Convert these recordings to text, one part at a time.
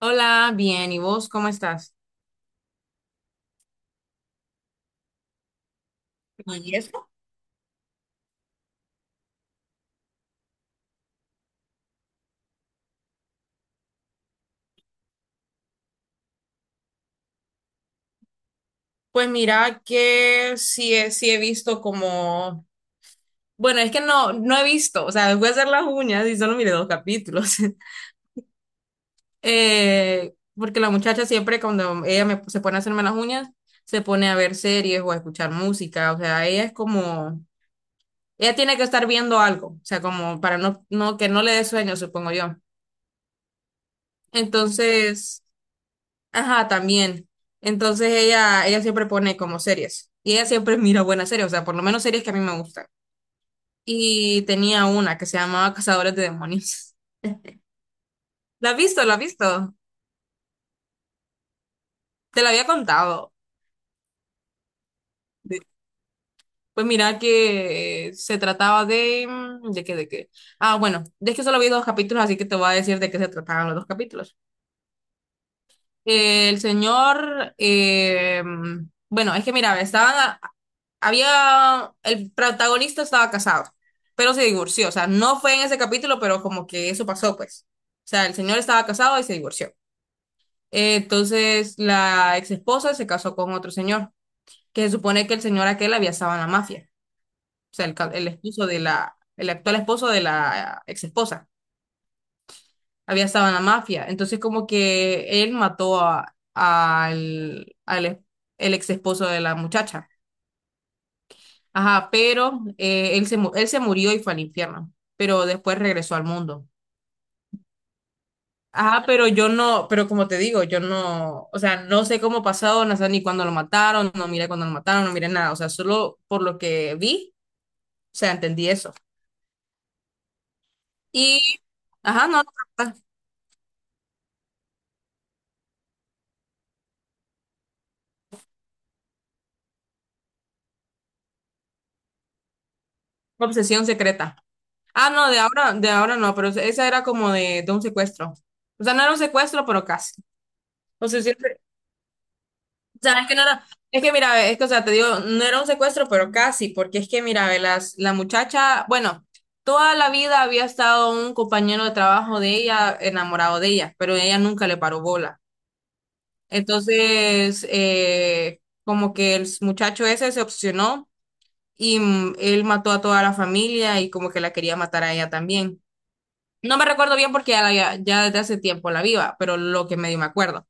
Hola, bien, ¿y vos cómo estás? ¿Y eso? Pues mira que sí, sí he visto como, bueno, es que no, no he visto, o sea, voy a hacer las uñas y solo miré dos capítulos. Porque la muchacha siempre cuando ella me, se pone a hacerme las uñas, se pone a ver series o a escuchar música, o sea, ella es como, ella tiene que estar viendo algo, o sea, como para no, no, que no le dé sueño, supongo yo. Entonces. Ajá, también. Entonces ella siempre pone como series. Y ella siempre mira buenas series, o sea, por lo menos series que a mí me gustan. Y tenía una que se llamaba Cazadores de Demonios. ¿La has visto? ¿La has visto? Te la había contado. De- Pues mira que se trataba de, ¿de qué? ¿De qué? Ah, bueno, es que solo vi dos capítulos, así que te voy a decir de qué se trataban los dos capítulos. El señor, bueno, es que mira, estaban, había, el protagonista estaba casado, pero se divorció, o sea, no fue en ese capítulo, pero como que eso pasó, pues. O sea, el señor estaba casado y se divorció. Entonces, la ex esposa se casó con otro señor, que se supone que el señor aquel había estado en la mafia, o sea, el esposo de la, el actual esposo de la ex esposa. Había estado en la mafia. Entonces, como que él mató a, al, al es- el ex esposo de la muchacha. Ajá, pero él se murió y fue al infierno, pero después regresó al mundo. Ajá, pero yo no, pero como te digo, yo no, o sea, no sé cómo pasó, no sé ni cuándo lo mataron, no miré cuándo lo mataron, no miré nada, o sea, solo por lo que vi, o sea, entendí eso. Y, ajá, no, no, no, obsesión secreta. Ah, no, de ahora no, pero esa era como de un secuestro. O sea, no era un secuestro, pero casi. O sea, siempre, o sea, es que no era, es que mira, ve, es que, o sea, te digo, no era un secuestro, pero casi, porque es que mira, ve, la muchacha, bueno, toda la vida había estado un compañero de trabajo de ella enamorado de ella, pero ella nunca le paró bola. Entonces, como que el muchacho ese se obsesionó y él mató a toda la familia y como que la quería matar a ella también. No me recuerdo bien porque ya, ya desde hace tiempo la viva, pero lo que medio me acuerdo.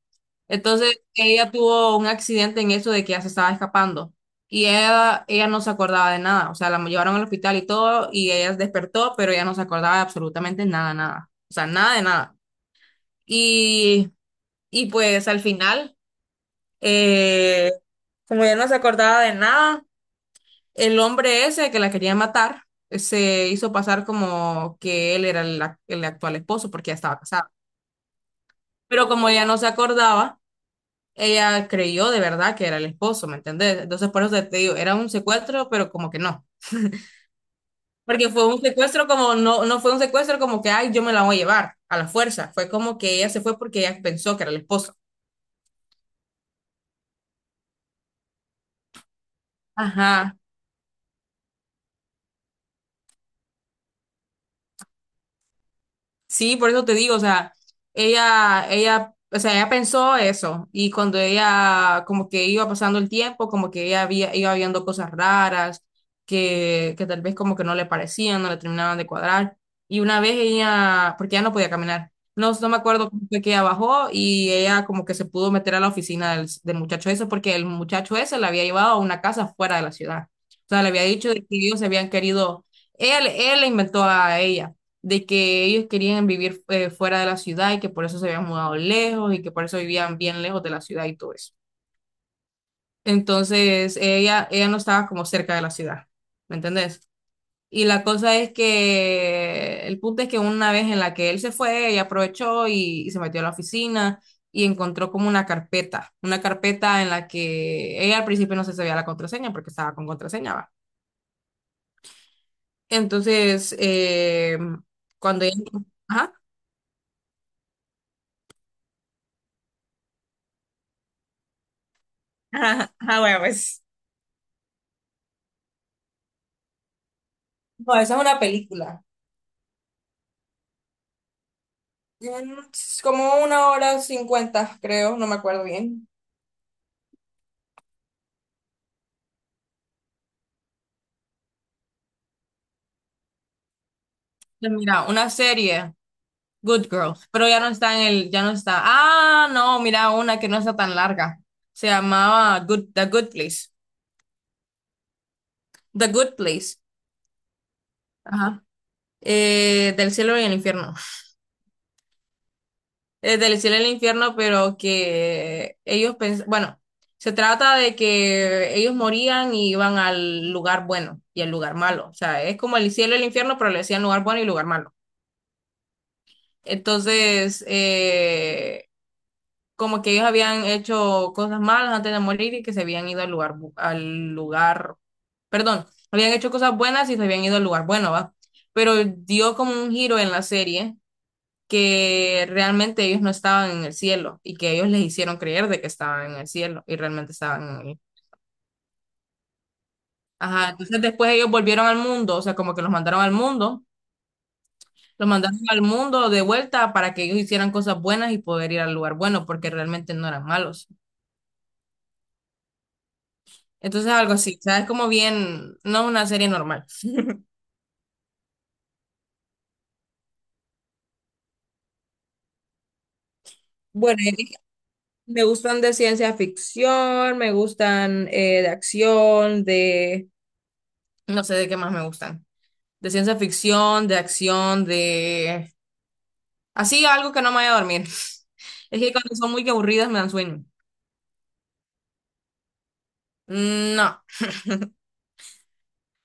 Entonces, ella tuvo un accidente en eso de que ella se estaba escapando y ella no se acordaba de nada. O sea, la llevaron al hospital y todo y ella despertó, pero ella no se acordaba de absolutamente nada, nada. O sea, nada de nada. Y, y pues al final, eh, como ella no se acordaba de nada, el hombre ese que la quería matar se hizo pasar como que él era el actual esposo porque ya estaba casado. Pero como ella no se acordaba, ella creyó de verdad que era el esposo, ¿me entendés? Entonces por eso te digo, era un secuestro, pero como que no. Porque fue un secuestro como, no, no fue un secuestro como que, ay, yo me la voy a llevar a la fuerza. Fue como que ella se fue porque ella pensó que era el esposo. Ajá. Sí, por eso te digo, o sea, o sea, ella pensó eso y cuando ella como que iba pasando el tiempo, como que iba viendo cosas raras que tal vez como que no le parecían, no le terminaban de cuadrar. Y una vez ella, porque ya no podía caminar, no, no me acuerdo cómo fue que ella bajó y ella como que se pudo meter a la oficina del muchacho ese porque el muchacho ese la había llevado a una casa fuera de la ciudad. O sea, le había dicho de que ellos se habían querido, él le inventó a ella de que ellos querían vivir fuera de la ciudad y que por eso se habían mudado lejos y que por eso vivían bien lejos de la ciudad y todo eso. Entonces, ella no estaba como cerca de la ciudad, ¿me entendés? Y la cosa es que el punto es que una vez en la que él se fue, ella aprovechó y se metió a la oficina y encontró como una carpeta en la que ella al principio no se sabía la contraseña porque estaba con contraseña, ¿va? Entonces, cuando ella. Ajá. Ah, bueno, pues. No, esa es una película. Es como 1 hora 50, creo, no me acuerdo bien. Pues mira, una serie, Good Girl, pero ya no está. Ah, no, mira, una que no está tan larga. Se llamaba Good, The Good Place. The Good Place. Ajá. Del cielo y el infierno. Del cielo al infierno, pero que bueno, se trata de que ellos morían y iban al lugar bueno y al lugar malo. O sea, es como el cielo y el infierno, pero le decían lugar bueno y lugar malo. Entonces, como que ellos habían hecho cosas malas antes de morir y que se habían ido al lugar, al lugar, perdón, habían hecho cosas buenas y se habían ido al lugar bueno, ¿va? Pero dio como un giro en la serie que realmente ellos no estaban en el cielo y que ellos les hicieron creer de que estaban en el cielo y realmente estaban en el. Ajá, entonces después ellos volvieron al mundo, o sea, como que los mandaron al mundo, los mandaron al mundo de vuelta para que ellos hicieran cosas buenas y poder ir al lugar bueno, porque realmente no eran malos. Entonces algo así, o sea, es como bien, no es una serie normal. Bueno, y me gustan de ciencia ficción, me gustan de acción, de. No sé de qué más me gustan. De ciencia ficción, de acción, de. Así algo que no me vaya a dormir. Es que cuando son muy aburridas me dan sueño. Mm, no,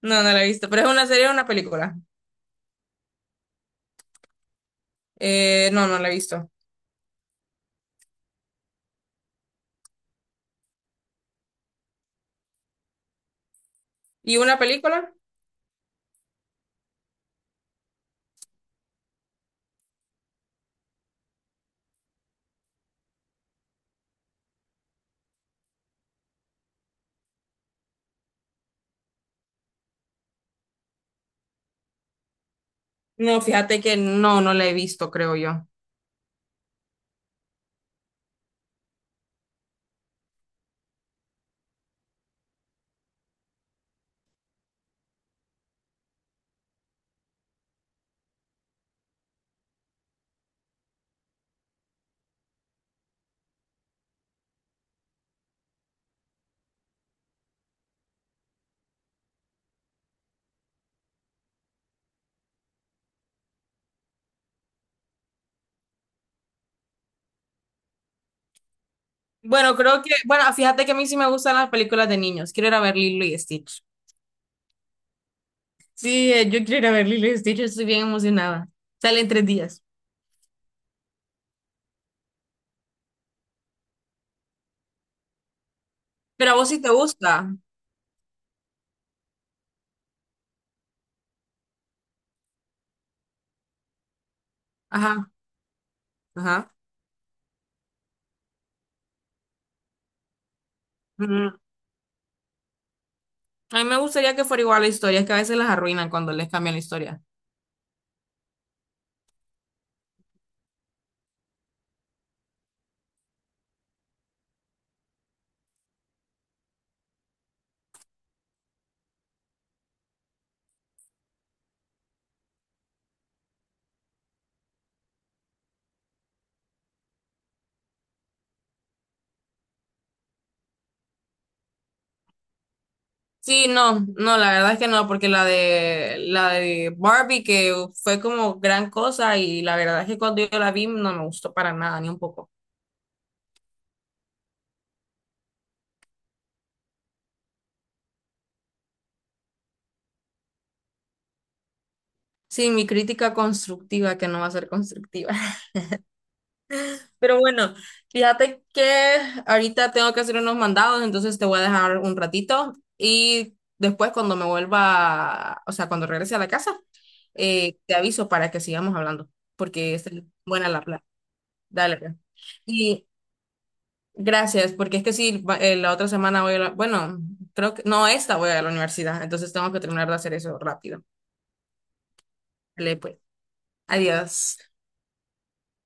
no, no la he visto. Pero es una serie o una película. No, no la he visto. ¿Y una película? No, fíjate que no, no la he visto, creo yo. Bueno, creo que, bueno, fíjate que a mí sí me gustan las películas de niños. Quiero ir a ver Lilo y Stitch. Sí, yo quiero ir a ver Lilo y Stitch, estoy bien emocionada. Sale en 3 días. Pero a vos sí te gusta. Ajá, ajá. Mm. A mí me gustaría que fuera igual la historia, es que a veces las arruinan cuando les cambian la historia. Sí, no, no, la verdad es que no, porque la de Barbie que fue como gran cosa y la verdad es que cuando yo la vi no me gustó para nada, ni un poco. Sí, mi crítica constructiva que no va a ser constructiva. Pero bueno, fíjate que ahorita tengo que hacer unos mandados, entonces te voy a dejar un ratito y después cuando me vuelva, o sea, cuando regrese a la casa, te aviso para que sigamos hablando, porque es buena la plata. Dale, pues. Y gracias, porque es que sí, la otra semana voy a la, bueno, creo que, no, esta voy a la universidad, entonces tengo que terminar de hacer eso rápido. Dale, pues, adiós.